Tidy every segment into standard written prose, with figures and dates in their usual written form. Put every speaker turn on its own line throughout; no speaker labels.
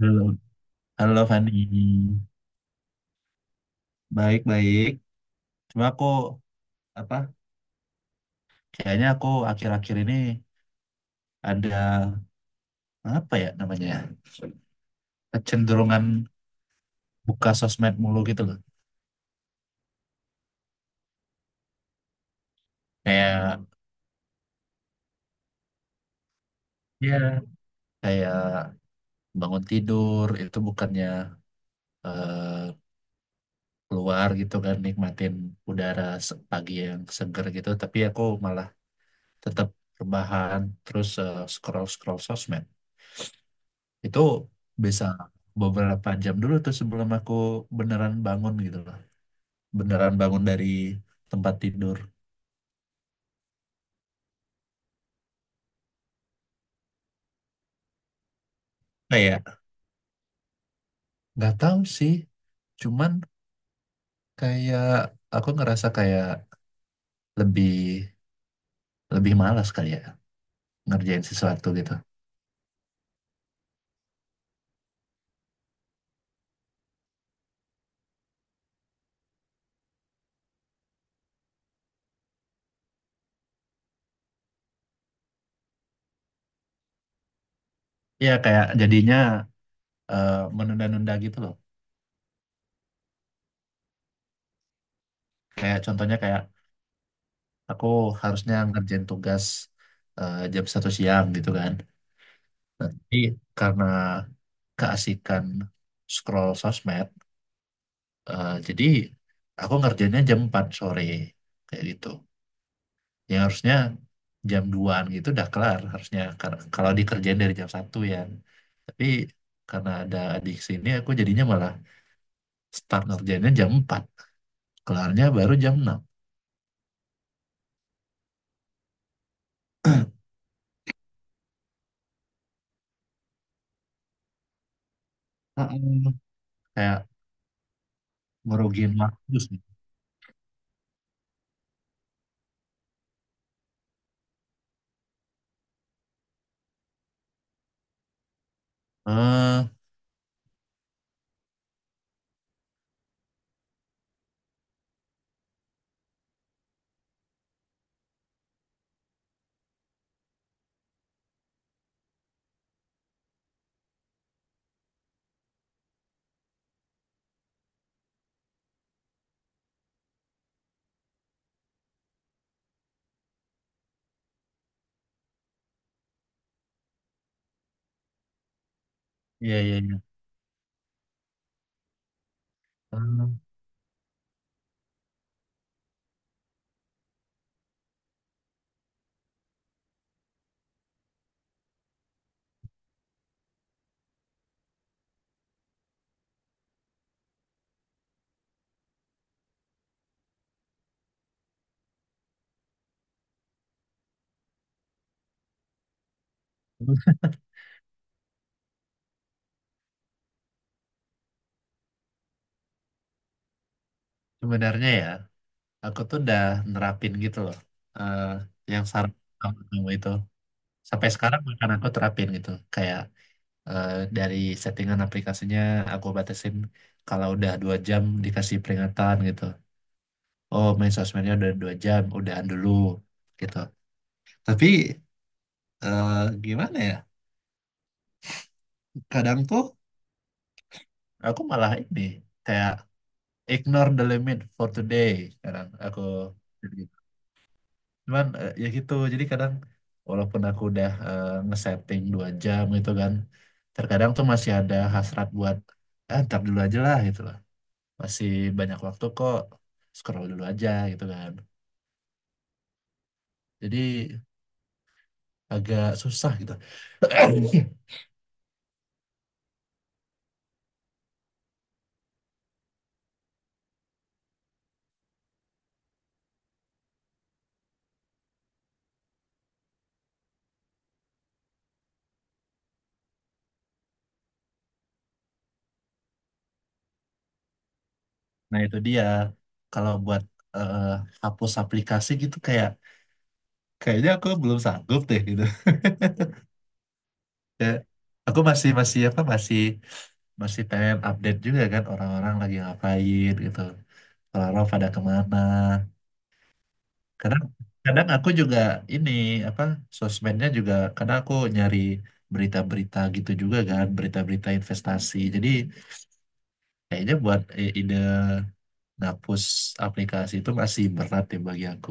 Halo, halo Fani. Baik-baik. Cuma aku apa? Kayaknya aku akhir-akhir ini ada apa ya namanya? Ya? Kecenderungan buka sosmed mulu gitu loh. Kayak ya, kayak bangun tidur itu bukannya eh, keluar gitu kan, nikmatin udara pagi yang seger gitu, tapi aku malah tetap rebahan terus, scroll-scroll sosmed. Itu bisa beberapa jam dulu tuh sebelum aku beneran bangun gitu loh. Beneran bangun dari tempat tidur. Kayak nggak tahu sih, cuman kayak aku ngerasa kayak lebih lebih malas kali ya ngerjain sesuatu gitu. Iya kayak jadinya menunda-nunda gitu loh. Kayak contohnya kayak aku harusnya ngerjain tugas jam satu siang gitu kan. Tapi karena keasikan scroll sosmed, jadi aku ngerjainnya jam 4 sore, kayak gitu. Yang harusnya jam duaan an gitu udah kelar harusnya. Kalau dikerjain dari jam satu ya. Tapi karena ada adik sini aku jadinya malah start ngerjainnya jam 4, kelarnya baru jam 6. Heeh. Kayak ngerugiin waktu sih. Eh, iya iya iya. Eh, terus sebenarnya ya aku tuh udah nerapin gitu loh. Eh, yang saran kamu itu sampai sekarang bahkan aku terapin gitu, kayak eh, dari settingan aplikasinya aku batasin kalau udah dua jam dikasih peringatan gitu. Oh, main sosmednya udah dua jam, udahan dulu gitu. Tapi eh, gimana ya? Kadang tuh aku malah ini kayak ignore the limit for today. Kadang aku cuman, ya gitu. Jadi kadang walaupun aku udah ngesetting dua jam gitu kan, terkadang tuh masih ada hasrat buat ah, ntar dulu aja lah gitu. Masih banyak waktu kok, scroll dulu aja gitu kan. Jadi agak susah gitu. Nah itu dia, kalau buat eh, hapus aplikasi gitu, kayak kayaknya aku belum sanggup deh gitu. Ya, aku masih masih apa masih, masih pengen update juga kan orang-orang lagi ngapain gitu, orang-orang pada kemana. Kadang kadang aku juga ini, apa, sosmednya juga karena aku nyari berita-berita gitu juga kan, berita-berita investasi. Jadi kayaknya buat ide ngapus aplikasi itu masih berat ya bagi aku.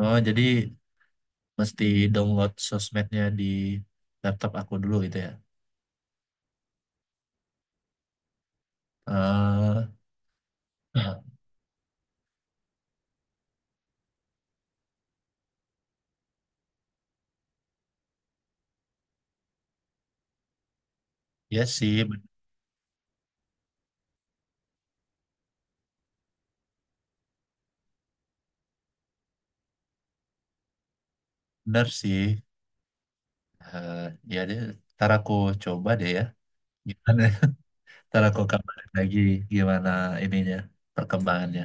Oh, jadi mesti download sosmednya di laptop aku dulu gitu ya. eh Ya sih, bener sih. Eh, Ya deh, ntar aku coba deh ya gimana. Ntar aku kabarin lagi gimana ininya, perkembangannya.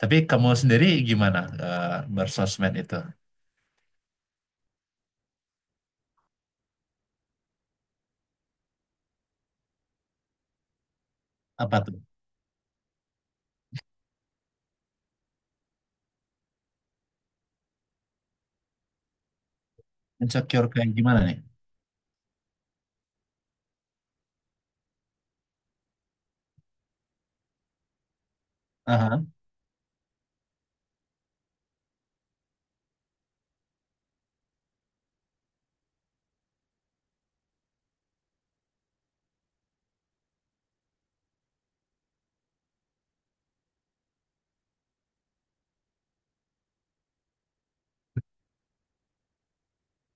Tapi kamu sendiri gimana eh, bersosmed itu? Apa tuh? Insecure kayak gimana nih? Aha,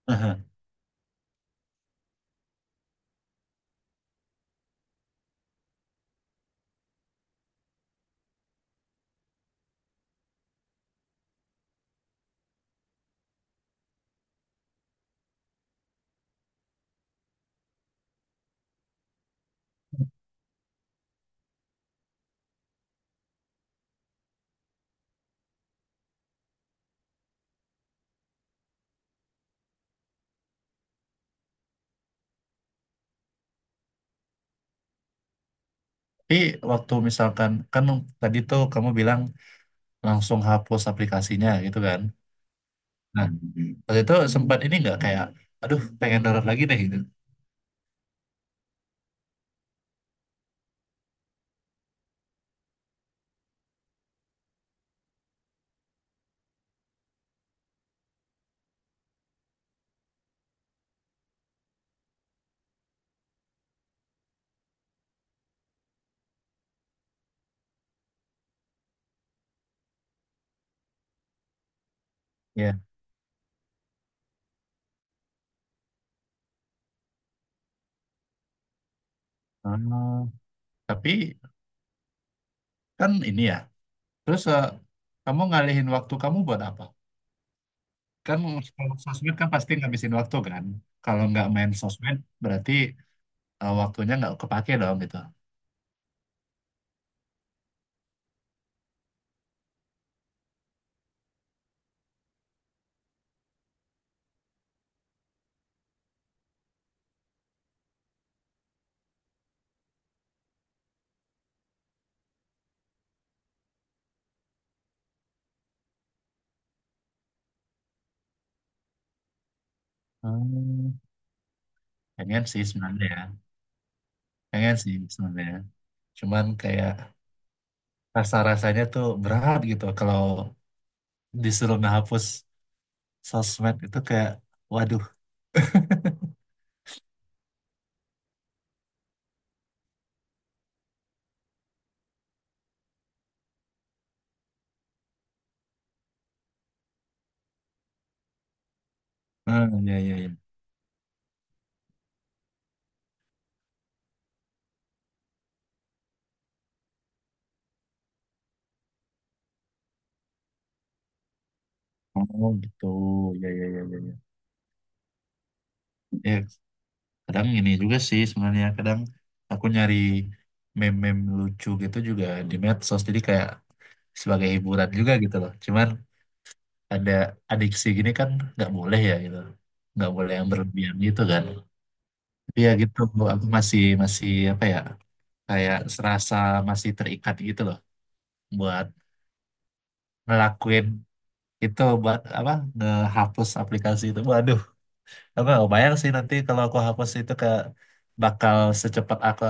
aha. Tapi waktu misalkan kan tadi tuh kamu bilang langsung hapus aplikasinya gitu kan? Nah, waktu itu sempat ini nggak kayak, aduh pengen download lagi deh gitu. Ya. Ah, tapi kan ini ya. Terus kamu ngalihin waktu kamu buat apa? Kan kalau sosmed kan pasti ngabisin waktu kan. Kalau nggak main sosmed berarti waktunya nggak kepake dong gitu. Hmm. Pengen sih sebenarnya ya. Pengen sih sebenarnya ya, cuman kayak rasa-rasanya tuh berat gitu kalau disuruh ngehapus sosmed itu, kayak waduh. Hmm, ya ya ya. Oh gitu, ya ya ya ya ya. Ya, kadang ini juga sih sebenarnya. Kadang aku nyari meme-meme lucu gitu juga di medsos, jadi kayak sebagai hiburan juga gitu loh. Cuman ada adiksi gini kan nggak boleh ya gitu. Nggak boleh yang berlebihan gitu kan. Tapi ya gitu, aku masih masih apa ya, kayak serasa masih terikat gitu loh buat ngelakuin itu, buat apa, ngehapus aplikasi itu. Waduh, aku nggak bayang sih nanti kalau aku hapus itu ke bakal secepat aku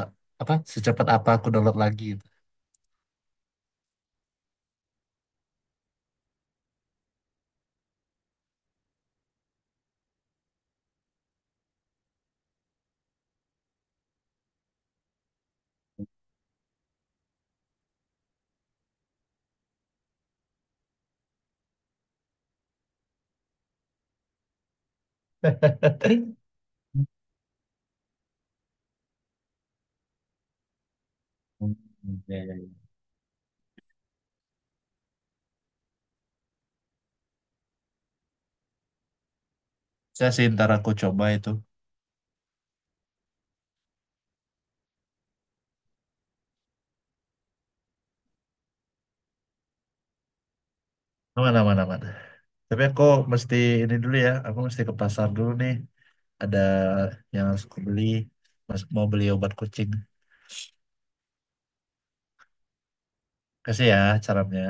apa, secepat apa aku download lagi gitu. Hmm, ya, ya, ya. Saya sih ntar aku coba itu. Aman, aman, aman. Tapi aku mesti ini dulu ya, aku mesti ke pasar dulu nih. Ada yang harus aku beli. Mau beli obat kucing. Kasih ya caranya.